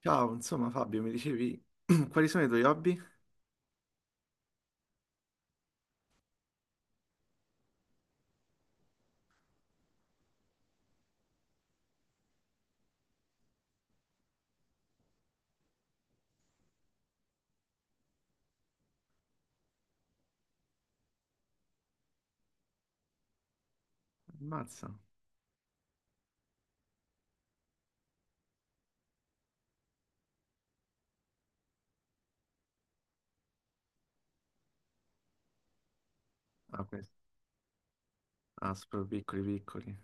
Ciao, insomma Fabio, mi dicevi quali sono i tuoi hobby? Ammazza. Ah, questo. Ah, sono proprio piccoli piccoli.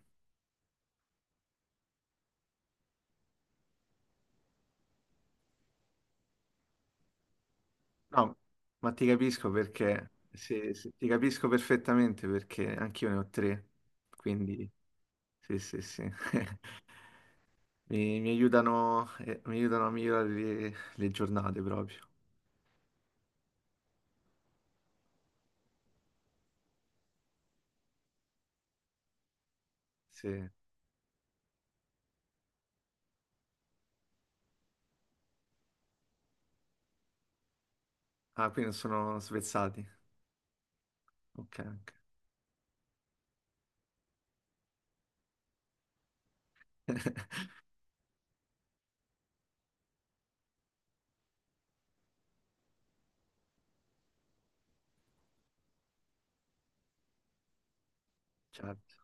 No, ma ti capisco perché, sì, sì, ti capisco perfettamente perché anch'io ne ho 3, quindi sì, sì, sì. Mi aiutano, mi aiutano a migliorare le giornate proprio. Sì. Ah, quindi non sono svezzati. Ok, ok. Certo.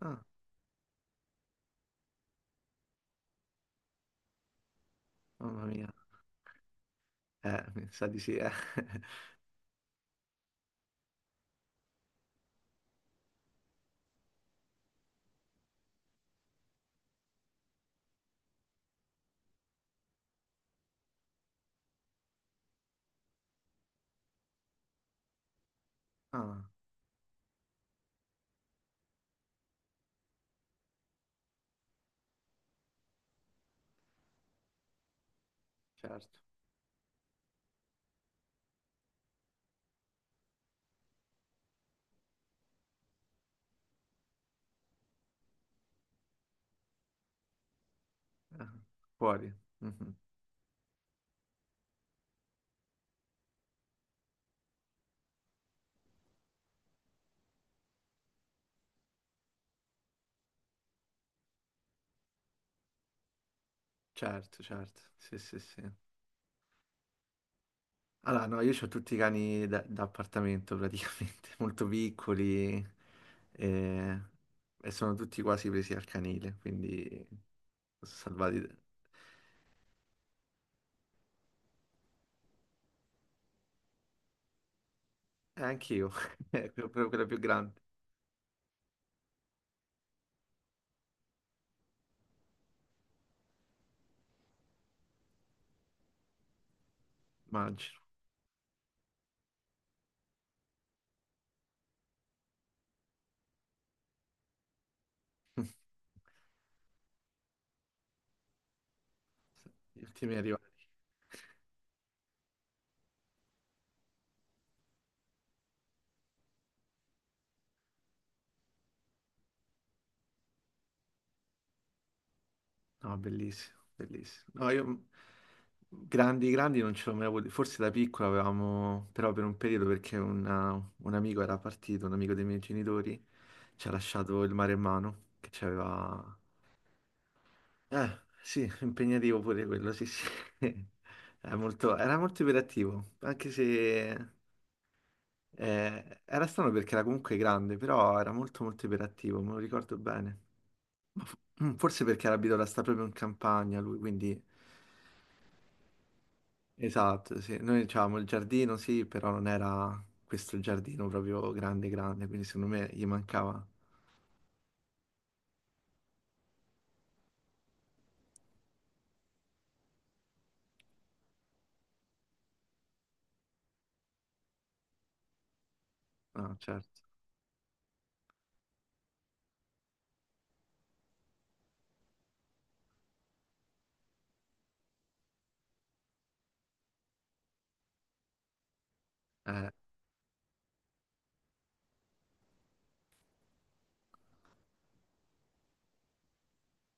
Ah, mamma mia. Mi sa di sì, eh. Ah, certo. Ah, fuori. Mhm. Certo, certo. Sì, sì, sì. Allora, no, io ho tutti i cani da appartamento praticamente, molto piccoli e, e sono tutti quasi presi al canile, quindi sono salvati. E anche io, proprio quella più grande, immagino, gli ultimi arrivati. No, bellissimo, bellissimo. No, io grandi, grandi non ce l'ho mai avuto. Forse da piccola avevamo, però per un periodo perché un amico era partito, un amico dei miei genitori. Ci ha lasciato il maremmano che ci aveva... sì, impegnativo pure quello, sì, sì. Era molto iperattivo, anche se... era strano perché era comunque grande, però era molto molto iperattivo, me lo ricordo bene. Ma fo- Forse perché era abituato a stare proprio in campagna lui, quindi... Esatto, sì. Noi avevamo il giardino, sì, però non era questo giardino proprio grande grande, quindi secondo me gli mancava... No, certo. Eh,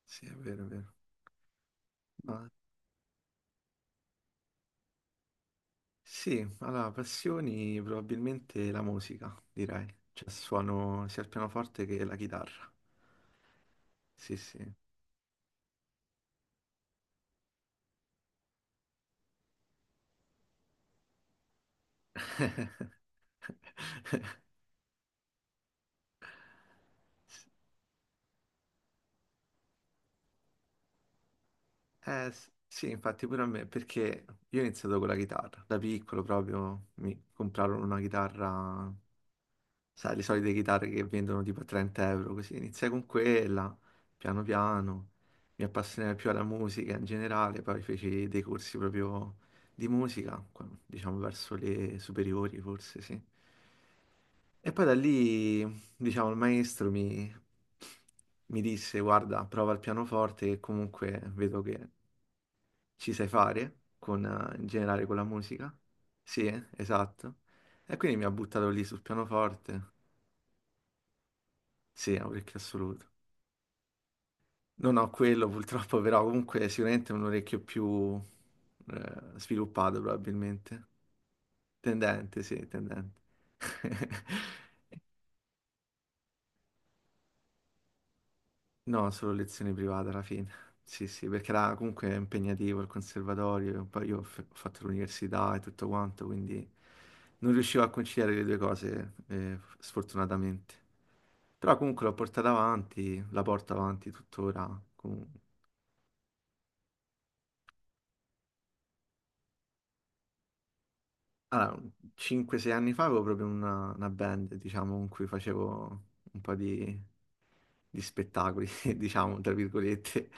sì, è vero, è vero. Sì, allora, passioni probabilmente la musica, direi. Cioè, suono sia il pianoforte che la chitarra. Sì, sì. Sì, infatti pure a me, perché io ho iniziato con la chitarra. Da piccolo proprio mi comprarono una chitarra, sai, le solite chitarre che vendono tipo a 30 euro, così iniziai con quella, piano piano, mi appassionai più alla musica in generale, poi feci dei corsi proprio di musica, diciamo verso le superiori forse, sì. E poi da lì, diciamo, mi disse, guarda, prova il pianoforte che comunque vedo che ci sai fare, con, in generale con la musica. Sì, esatto. E quindi mi ha buttato lì sul pianoforte. Sì, è un orecchio assoluto. Non ho quello purtroppo, però comunque sicuramente è un orecchio più sviluppato probabilmente. Tendente, sì, tendente. No, solo lezioni private alla fine. Sì, sì, perché era comunque impegnativo il conservatorio, e poi io ho fatto l'università e tutto quanto, quindi non riuscivo a conciliare le due cose, sfortunatamente. Però comunque l'ho portata avanti, la porto avanti tuttora comunque. Allora, 5-6 anni fa avevo proprio una band, diciamo, con cui facevo un po' di spettacoli, diciamo, tra virgolette.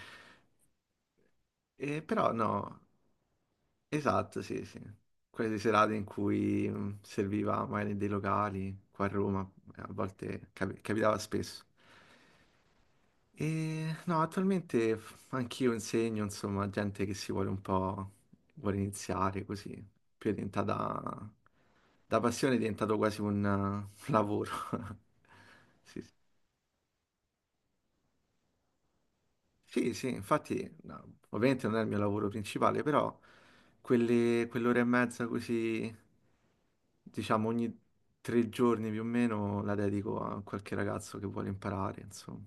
E però no, esatto, sì, sì. Quelle serate in cui serviva magari dei locali qua a Roma, a volte capitava spesso. E, no, attualmente anch'io insegno, insomma, a gente che si vuole un po', vuole iniziare così, più è diventata, da passione è diventato quasi un, un lavoro. Sì, sì. Sì, sì, infatti, no, ovviamente non è il mio lavoro principale, però quelle, quell'ora e mezza così, diciamo, ogni 3 giorni più o meno la dedico a qualche ragazzo che vuole imparare, insomma.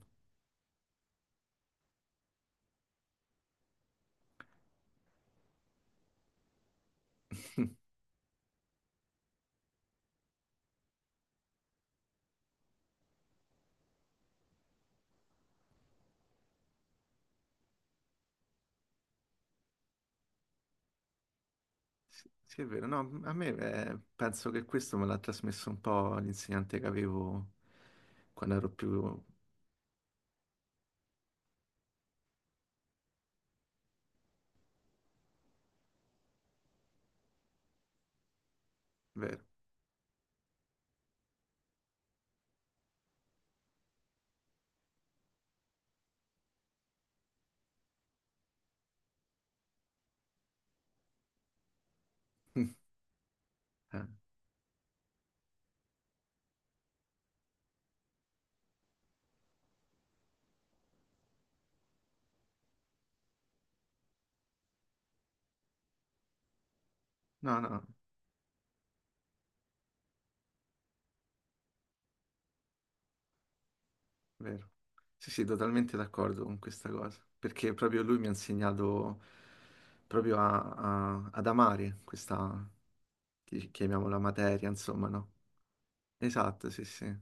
Sì, sì, è vero, no, a me penso che questo me l'ha trasmesso un po' l'insegnante che avevo quando ero più... vero. Eh, no, no, vero. Sì, sì, totalmente d'accordo con questa cosa, perché proprio lui mi ha insegnato proprio ad amare questa, chiamiamola materia, insomma, no? Esatto, sì, sì.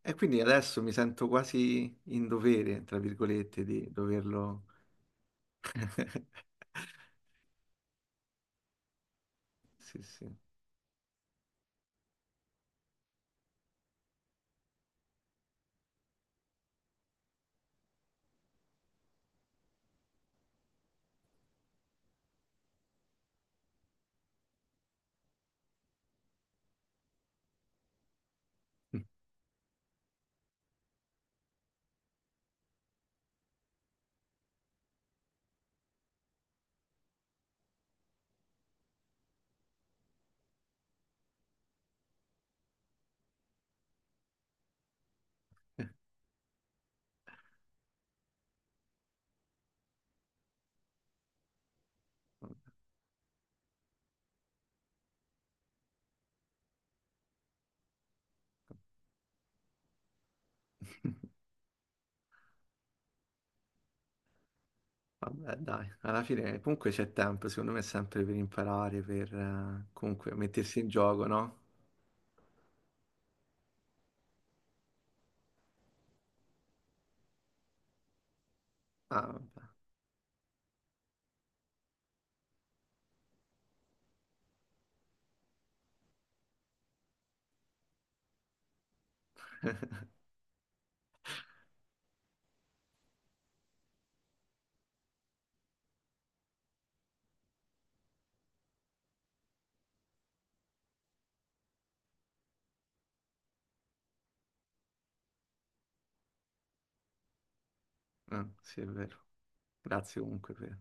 E quindi adesso mi sento quasi in dovere, tra virgolette, di doverlo... Sì, sì. Vabbè, dai, alla fine comunque c'è tempo, secondo me è sempre per imparare, per comunque mettersi in gioco, no? Ah, vabbè, sì, è vero. Grazie comunque per...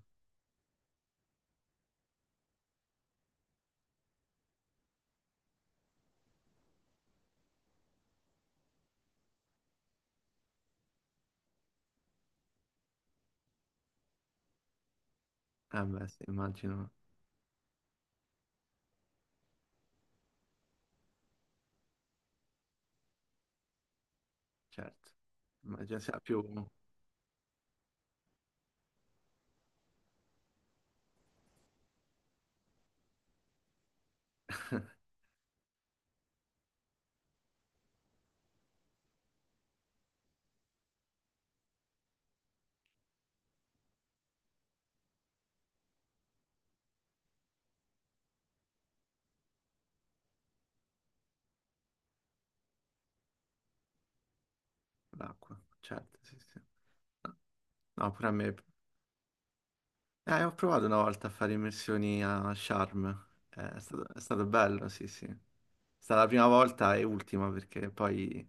Eh beh, sì, immagino, certo. Immagino sia più l'acqua, certo, sì, sì. No, pure a me... ho provato una volta a fare immersioni a Sharm, è stato bello, sì, sì. Stata la prima volta e ultima perché poi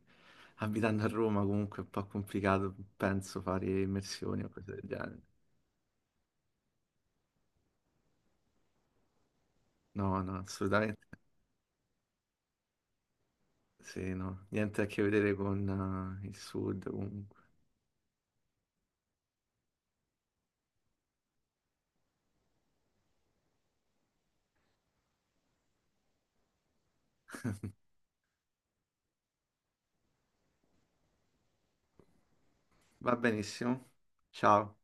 abitando a Roma comunque è un po' complicato, penso, fare immersioni o cose del genere. No, no, assolutamente sì, no, niente a che vedere con il sud comunque. Va benissimo. Ciao.